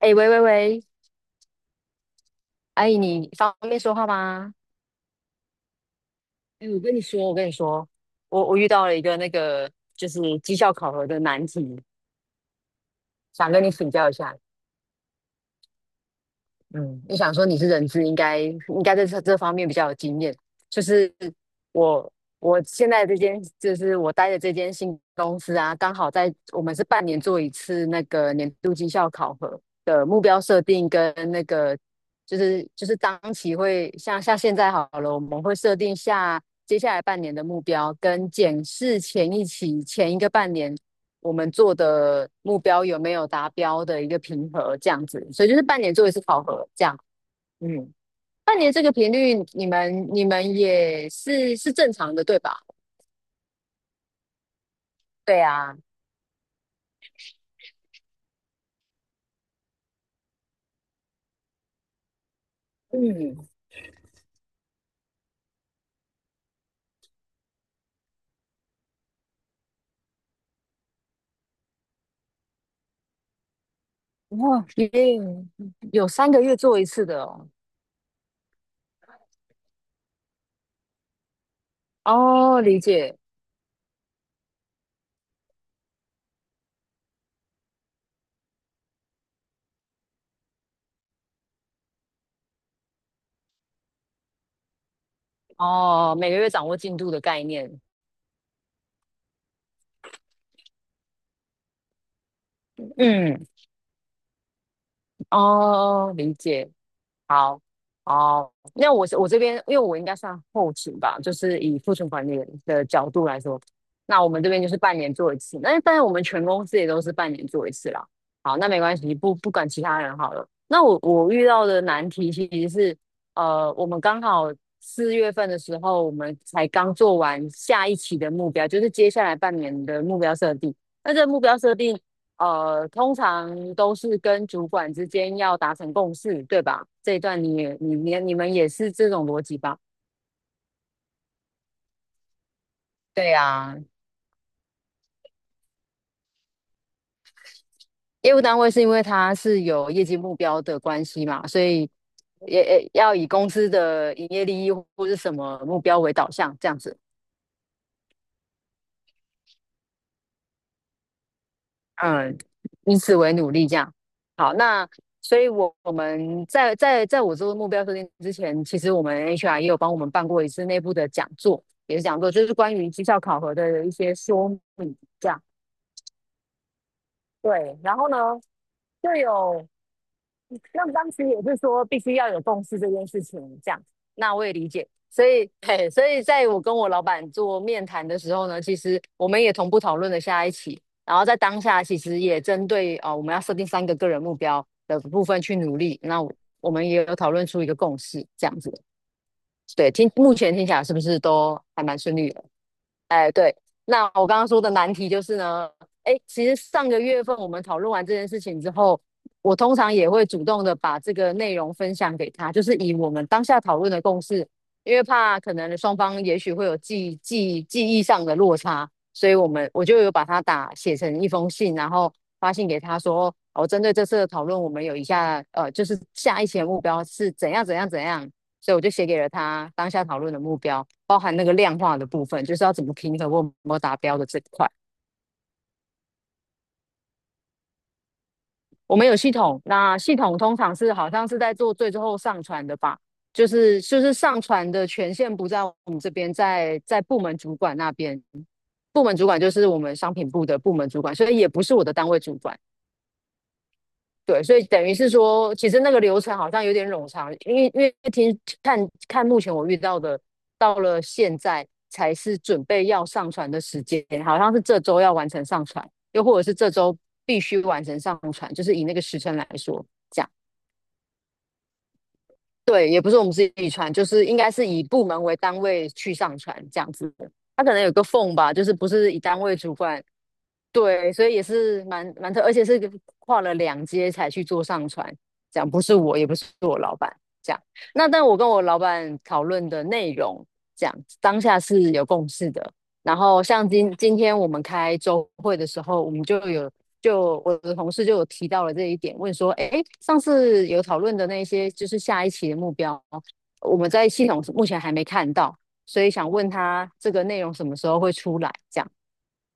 哎，喂喂喂，阿姨，你方便说话吗？哎，我跟你说，我遇到了一个那个就是绩效考核的难题，想跟你请教一下。嗯，我想说你是人资，应该在这方面比较有经验。就是我我现在这间，就是我待的这间新公司啊，刚好在我们是半年做一次那个年度绩效考核的目标设定跟那个就是当期会像现在好了，我们会设定下接下来半年的目标，跟检视前一期前一个半年我们做的目标有没有达标的一个评核，这样子，所以就是半年做一次考核，这样，嗯，半年这个频率，你们也是正常的，对吧？对啊，嗯，哇，也有三个月做一次的哦，哦，理解，哦，每个月掌握进度的概念，嗯，哦，理解，好，哦，那我这边，因为我应该算后勤吧，就是以库存管理的角度来说，那我们这边就是半年做一次，那但是我们全公司也都是半年做一次啦。好，那没关系，不管其他人好了。那我遇到的难题其实是，我们刚好四月份的时候，我们才刚做完下一期的目标，就是接下来半年的目标设定。那这个目标设定通常都是跟主管之间要达成共识，对吧？这一段你们也是这种逻辑吧？对呀，业务单位是因为它是有业绩目标的关系嘛，所以也要以公司的营业利益或是什么目标为导向，这样子。嗯，以此为努力这样。好，那所以我，我们在我做目标设定之前，其实我们 HR 也有帮我们办过一次内部的讲座，也是讲座，就是关于绩效考核的一些说明这样。对，然后呢，就有那当时也是说必须要有共识这件事情，这样，那我也理解。所以，嘿，所以在我跟我老板做面谈的时候呢，其实我们也同步讨论了下一期，然后在当下其实也针对我们要设定三个个人目标的部分去努力。那我们也有讨论出一个共识，这样子。对，听目前听起来是不是都还蛮顺利的？哎，对，那我刚刚说的难题就是呢，哎，其实上个月份我们讨论完这件事情之后，我通常也会主动的把这个内容分享给他，就是以我们当下讨论的共识，因为怕可能双方也许会有记忆上的落差，所以我就有把它打写成一封信，然后发信给他说，哦，针对这次的讨论，我们有以下就是下一期的目标是怎样怎样怎样，所以我就写给了他当下讨论的目标，包含那个量化的部分，就是要怎么平衡我有没有达标的这一块。我们有系统，那系统通常是好像是在做最后上传的吧，就是上传的权限不在我们这边，在部门主管那边。部门主管就是我们商品部的部门主管，所以也不是我的单位主管。对，所以等于是说，其实那个流程好像有点冗长，因为听看看目前我遇到的，到了现在才是准备要上传的时间，好像是这周要完成上传，又或者是这周必须完成上传，就是以那个时辰来说，这样。对，也不是我们自己传，就是应该是以部门为单位去上传这样子的。他可能有个缝吧，就是不是以单位主管对，所以也是蛮特，而且是跨了两阶才去做上传，这样不是我，也不是我老板，这样。那但我跟我老板讨论的内容，这样当下是有共识的。然后像今天我们开周会的时候，我们就有就我的同事就有提到了这一点，问说，哎，上次有讨论的那些，就是下一期的目标，我们在系统目前还没看到，所以想问他这个内容什么时候会出来，这样。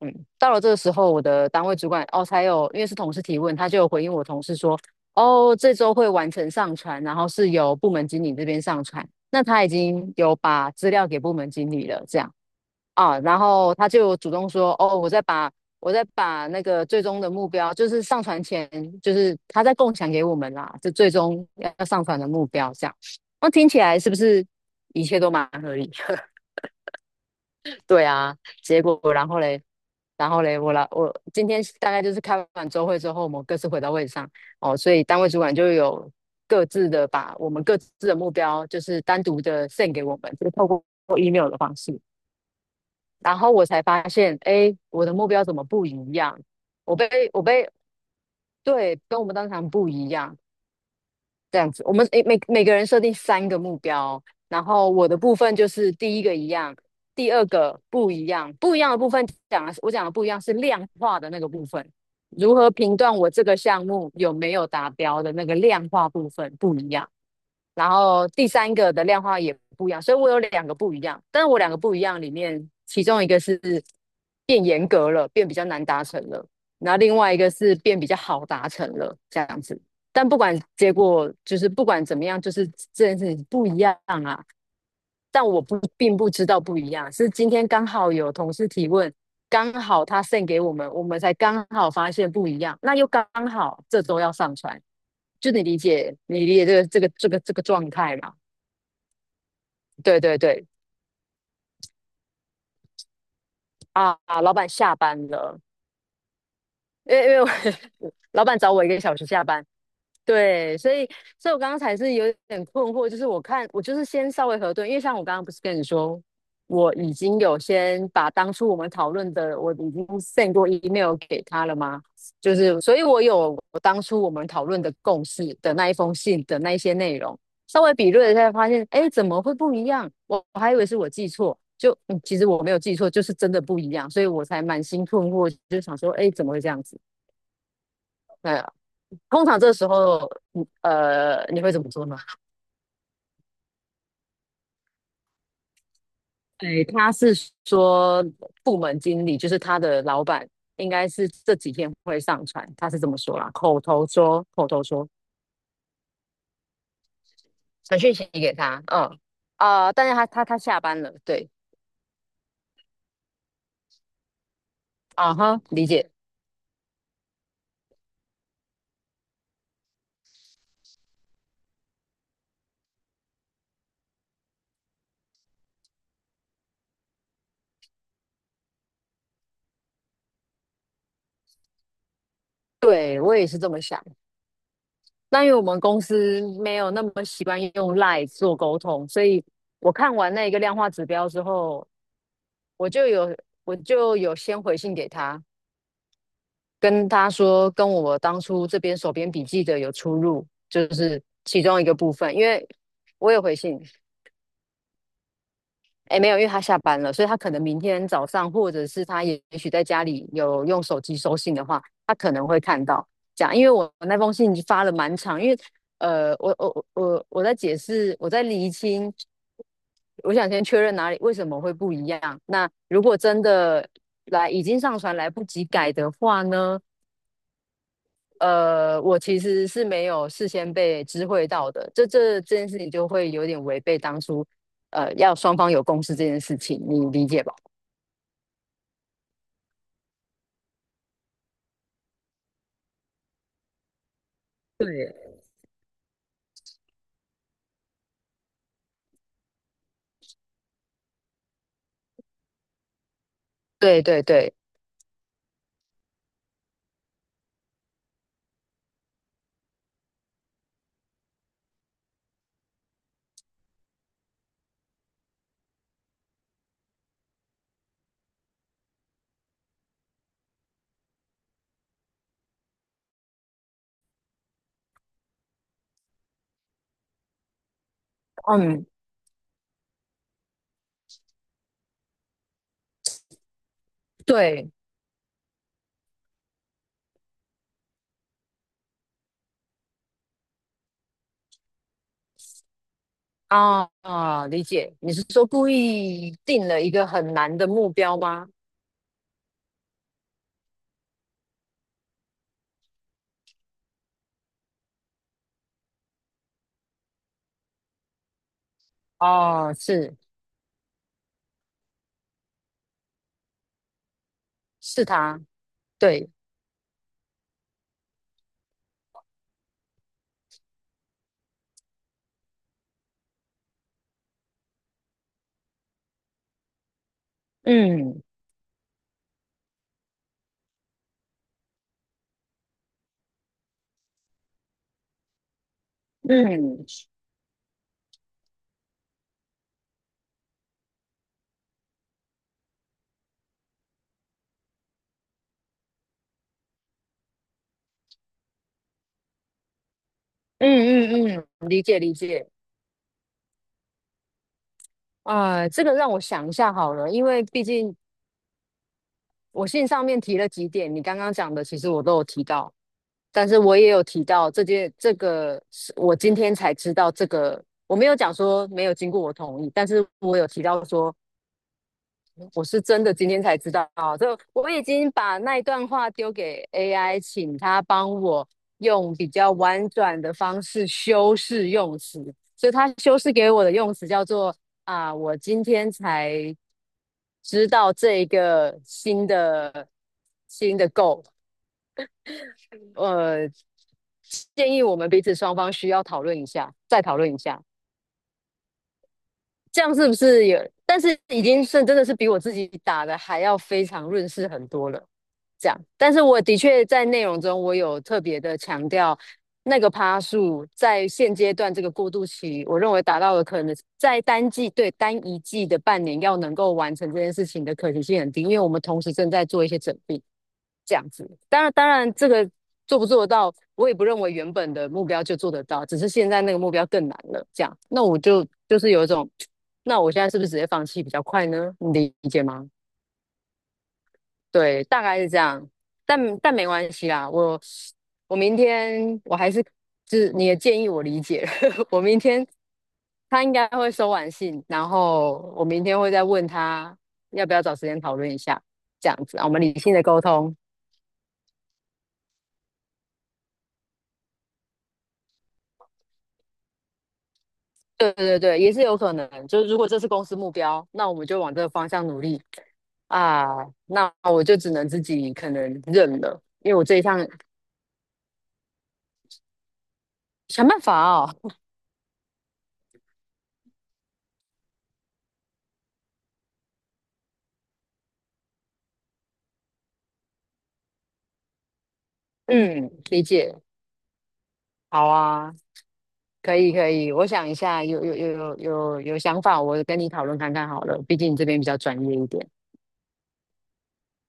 嗯，到了这个时候，我的单位主管哦，才有，因为是同事提问，他就有回应我同事说，哦，这周会完成上传，然后是由部门经理这边上传，那他已经有把资料给部门经理了，这样啊，然后他就主动说，哦，我再把那个最终的目标，就是上传前，就是他在共享给我们啦，就最终要上传的目标这样，那听起来是不是一切都蛮合理？对啊，结果然后嘞，然后嘞，我来，我今天大概就是开完周会之后，我们各自回到位置上哦，所以单位主管就有各自的把我们各自的目标，就是单独的 send 给我们，就是透过 email 的方式，然后我才发现，哎，我的目标怎么不一样？我被我被对，跟我们当场不一样，这样子，我们诶每个人设定三个目标，然后我的部分就是第一个一样，第二个不一样，不一样的部分讲的是我讲的不一样是量化的那个部分，如何评断我这个项目有没有达标的那个量化部分不一样。然后第三个的量化也不一样，所以我有两个不一样。但是我两个不一样里面，其中一个是变严格了，变比较难达成了，然后另外一个是变比较好达成了，这样子。但不管结果，就是不管怎么样，就是这件事情不一样啊。但我不并不知道不一样，是今天刚好有同事提问，刚好他 send 给我们，我们才刚好发现不一样，那又刚好这周要上传，就你理解这个状态嘛？对对对，啊，老板下班了，因为我 老板找我一个小时下班，对，所以，所以我刚刚才是有点困惑，就是我就是先稍微核对，因为像我刚刚不是跟你说，我已经有先把当初我们讨论的，我已经 send 过 email 给他了吗？就是，所以我有我当初我们讨论的共识的那一封信的那一些内容，稍微比对了一下，发现，哎，怎么会不一样？我还以为是我记错，就，嗯其实我没有记错，就是真的不一样，所以我才满心困惑，就想说，哎，怎么会这样子？通常这时候，呃，你会怎么做呢？哎，他是说部门经理，就是他的老板，应该是这几天会上传，他是这么说啦，口头说，口头说，传讯息给他，嗯，啊、但是他下班了，对，啊哈，理解，对我也是这么想。那因为我们公司没有那么习惯用 LINE 做沟通，所以我看完那个量化指标之后，我就有我就有先回信给他，跟他说跟我当初这边手边笔记的有出入，就是其中一个部分，因为我有回信。哎，没有，因为他下班了，所以他可能明天早上，或者是他也许在家里有用手机收信的话，他可能会看到这样，因为我那封信发了蛮长，因为我在解释，我在厘清。我想先确认哪里为什么会不一样。那如果真的来已经上传来不及改的话呢？我其实是没有事先被知会到的，这件事情就会有点违背当初，要双方有共识这件事情，你理解吧？对对对，嗯，对啊。啊，理解。你是说故意定了一个很难的目标吗？哦，是，是他。对，嗯嗯嗯嗯嗯，理解理解。啊，这个让我想一下好了，因为毕竟我信上面提了几点，你刚刚讲的其实我都有提到。但是我也有提到这个是我今天才知道这个，我没有讲说没有经过我同意，但是我有提到说我是真的今天才知道。啊，这我已经把那一段话丢给 AI，请他帮我用比较婉转的方式修饰用词，所以他修饰给我的用词叫做啊，我今天才知道这一个新的 goal。呃，建议我们彼此双方需要讨论一下，再讨论一下，这样是不是有？但是已经是真的是比我自己打的还要非常润饰很多了。这样，但是我的确在内容中，我有特别的强调那个趴数在现阶段这个过渡期，我认为达到了可能在单季对单一季的半年要能够完成这件事情的可行性很低，因为我们同时正在做一些整并，这样子。当然，当然这个做不做得到，我也不认为原本的目标就做得到，只是现在那个目标更难了。这样，那我就是有一种，那我现在是不是直接放弃比较快呢？你理解吗？对，大概是这样，但没关系啦，我明天我还是就是你的建议我理解了 我明天他应该会收完信，然后我明天会再问他要不要找时间讨论一下，这样子啊，我们理性的沟通。对对对，也是有可能，就是如果这是公司目标，那我们就往这个方向努力啊，那我就只能自己可能认了，因为我这一项想办法哦。嗯，理解，好啊。可以可以，我想一下，有想法，我跟你讨论看看好了，毕竟你这边比较专业一点。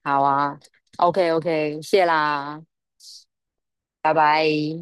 好啊，OK OK，谢啦，拜拜。